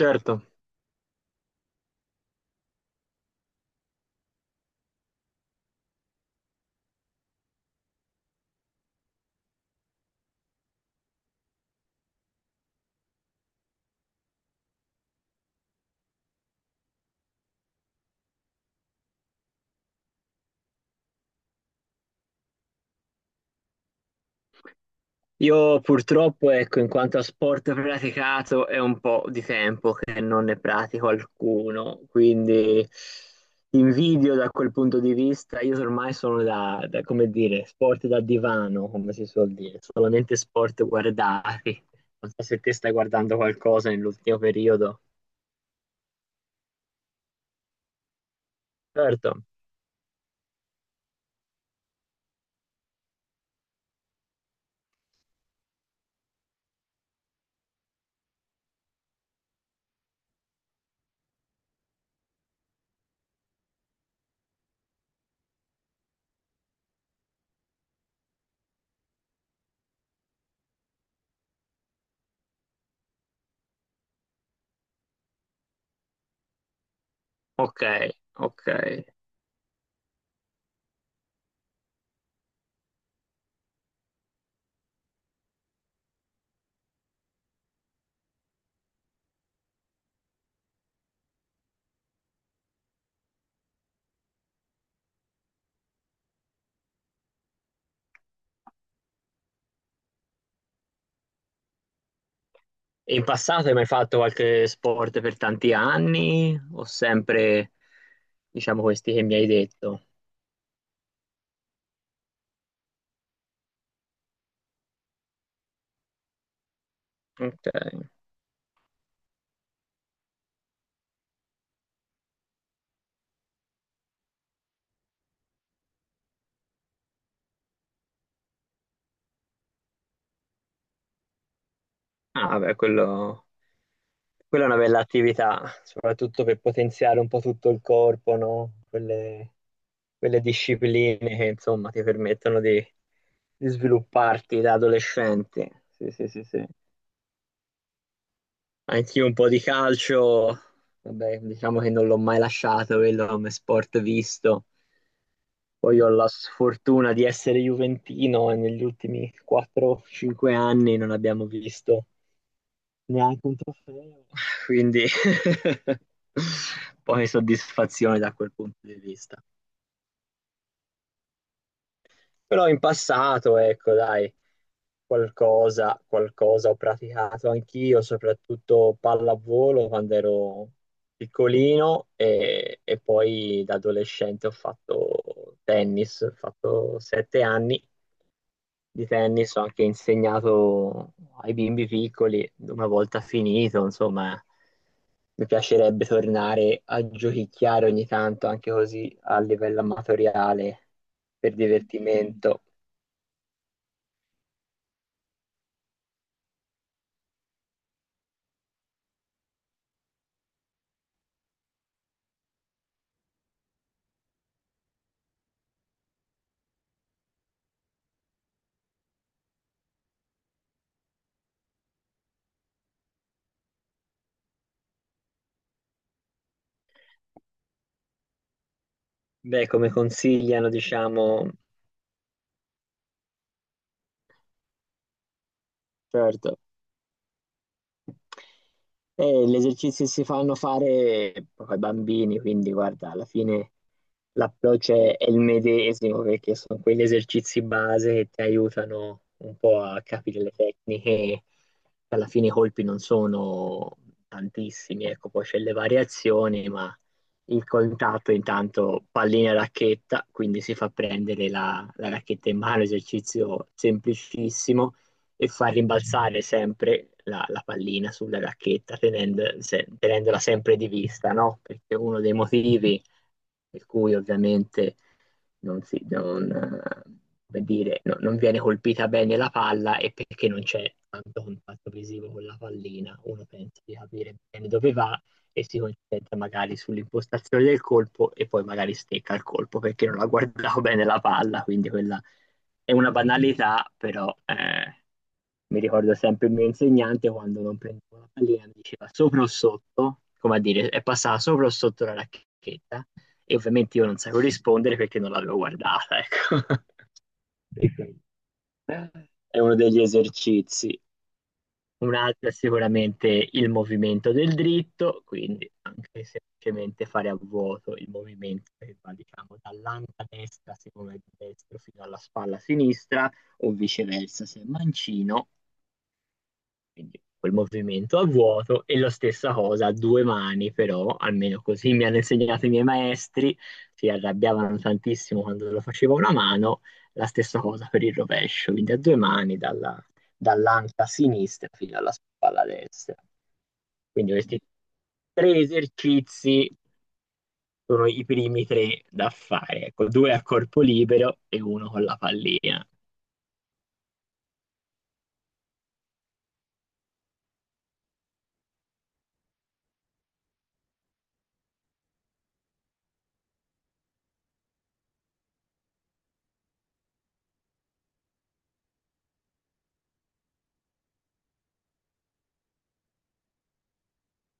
Certo, io purtroppo, ecco, in quanto a sport praticato, è un po' di tempo che non ne pratico alcuno, quindi invidio da quel punto di vista. Io ormai sono da, come dire, sport da divano, come si suol dire, solamente sport guardati. Non so se te stai guardando qualcosa nell'ultimo periodo. Certo, ok, ok. E in passato hai mai fatto qualche sport per tanti anni o sempre, diciamo, questi che mi hai detto? Ok. Ah, beh, quello, quella è una bella attività, soprattutto per potenziare un po' tutto il corpo, no? Quelle, quelle discipline che, insomma, ti permettono di svilupparti da adolescente. Sì, sì, sì, sì. Anch'io un po' di calcio, vabbè, diciamo che non l'ho mai lasciato, quello come sport visto. Poi ho la sfortuna di essere juventino e negli ultimi 4-5 anni non abbiamo visto neanche un trofeo, quindi poi soddisfazione da quel punto di vista. Però in passato, ecco, dai, qualcosa, qualcosa ho praticato anch'io, soprattutto pallavolo quando ero piccolino e poi da adolescente ho fatto tennis, ho fatto sette anni di tennis, ho anche insegnato ai bimbi piccoli, una volta finito, insomma, mi piacerebbe tornare a giochicchiare ogni tanto, anche così a livello amatoriale, per divertimento. Beh, come consigliano, diciamo, certo. Gli esercizi si fanno fare proprio ai bambini, quindi guarda, alla fine l'approccio è il medesimo perché sono quegli esercizi base che ti aiutano un po' a capire le tecniche. Alla fine i colpi non sono tantissimi, ecco, poi c'è le variazioni, ma il contatto intanto pallina e racchetta, quindi si fa prendere la racchetta in mano, esercizio semplicissimo e far rimbalzare sempre la pallina sulla racchetta tenendola sempre di vista, no? Perché uno dei motivi per cui ovviamente non si, non, come dire, non viene colpita bene la palla e perché non c'è tanto contatto visivo con la pallina, uno pensa di capire bene dove va e si concentra magari sull'impostazione del colpo e poi magari stecca il colpo perché non ha guardato bene la palla, quindi quella è una banalità, però mi ricordo sempre il mio insegnante quando non prendevo la pallina mi diceva sopra o sotto, come a dire, è passata sopra o sotto la racchetta e ovviamente io non sapevo rispondere perché non l'avevo guardata, ecco. È uno degli esercizi. Un altro è sicuramente il movimento del dritto, quindi anche semplicemente fare a vuoto il movimento che va, diciamo, dall'anta destra, secondo il destro, fino alla spalla sinistra, o viceversa, se è mancino. Quindi quel movimento a vuoto e la stessa cosa a due mani, però almeno così mi hanno insegnato i miei maestri, si arrabbiavano tantissimo quando lo facevo a una mano, la stessa cosa per il rovescio, quindi a due mani dall'anca sinistra fino alla spalla destra. Quindi questi tre esercizi sono i primi tre da fare, ecco, due a corpo libero e uno con la pallina.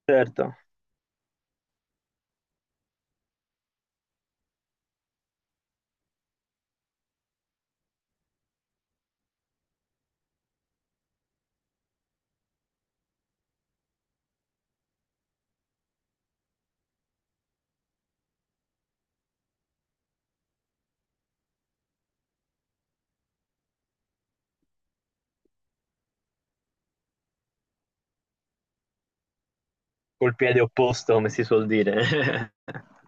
Certo, col piede opposto, come si suol dire.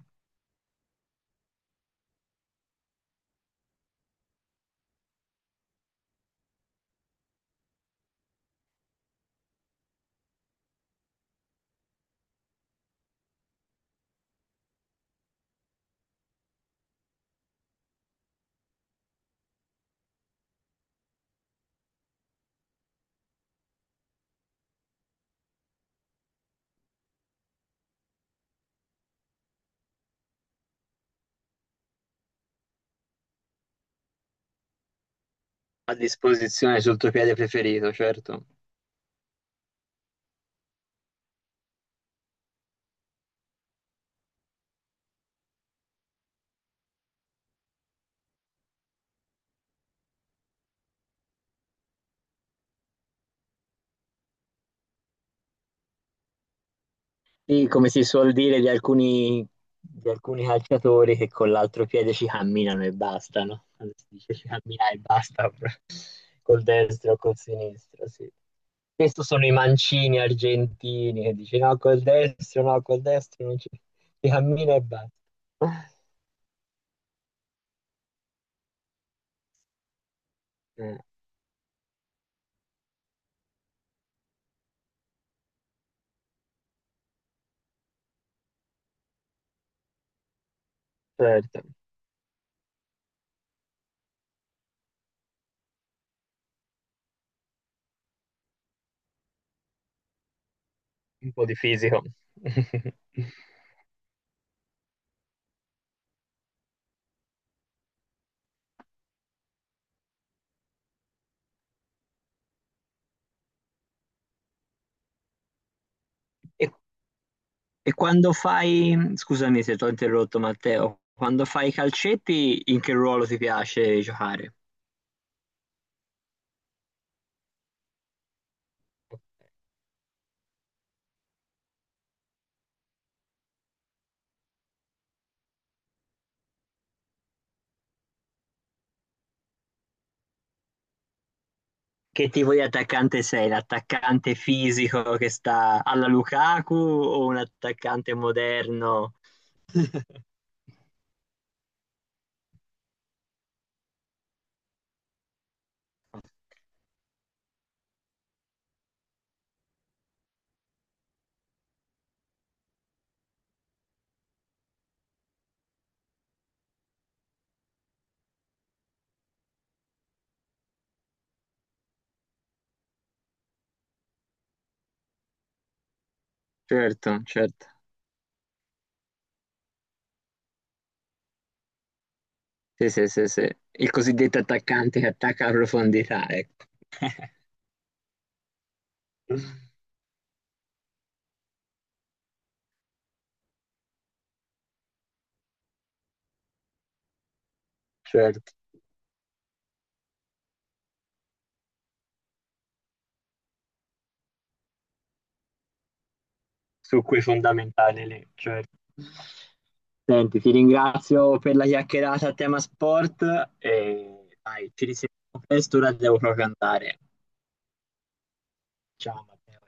A disposizione sul tuo piede preferito, certo. Sì, come si suol dire di alcuni calciatori che con l'altro piede ci camminano e basta, no? Quando si dice ci cammina e basta proprio, col destro o col sinistro, sì. Questo sono i mancini argentini che dice no, col destro, no, col destro non ci... si cammina e basta. Eh, certo. Un po' di fisico. E, e quando fai, scusami se ti ho interrotto Matteo, quando fai i calcetti in che ruolo ti piace giocare? Che tipo di attaccante sei? L'attaccante fisico che sta alla Lukaku o un attaccante moderno? Certo, certo. Sì, sì, sì, sì. Il cosiddetto attaccante che attacca a profondità, ecco. Certo, su quei fondamentali lì, certo. Senti, ti ringrazio per la chiacchierata a tema sport e dai, ci risentiamo presto, ora devo proprio andare. Ciao Matteo.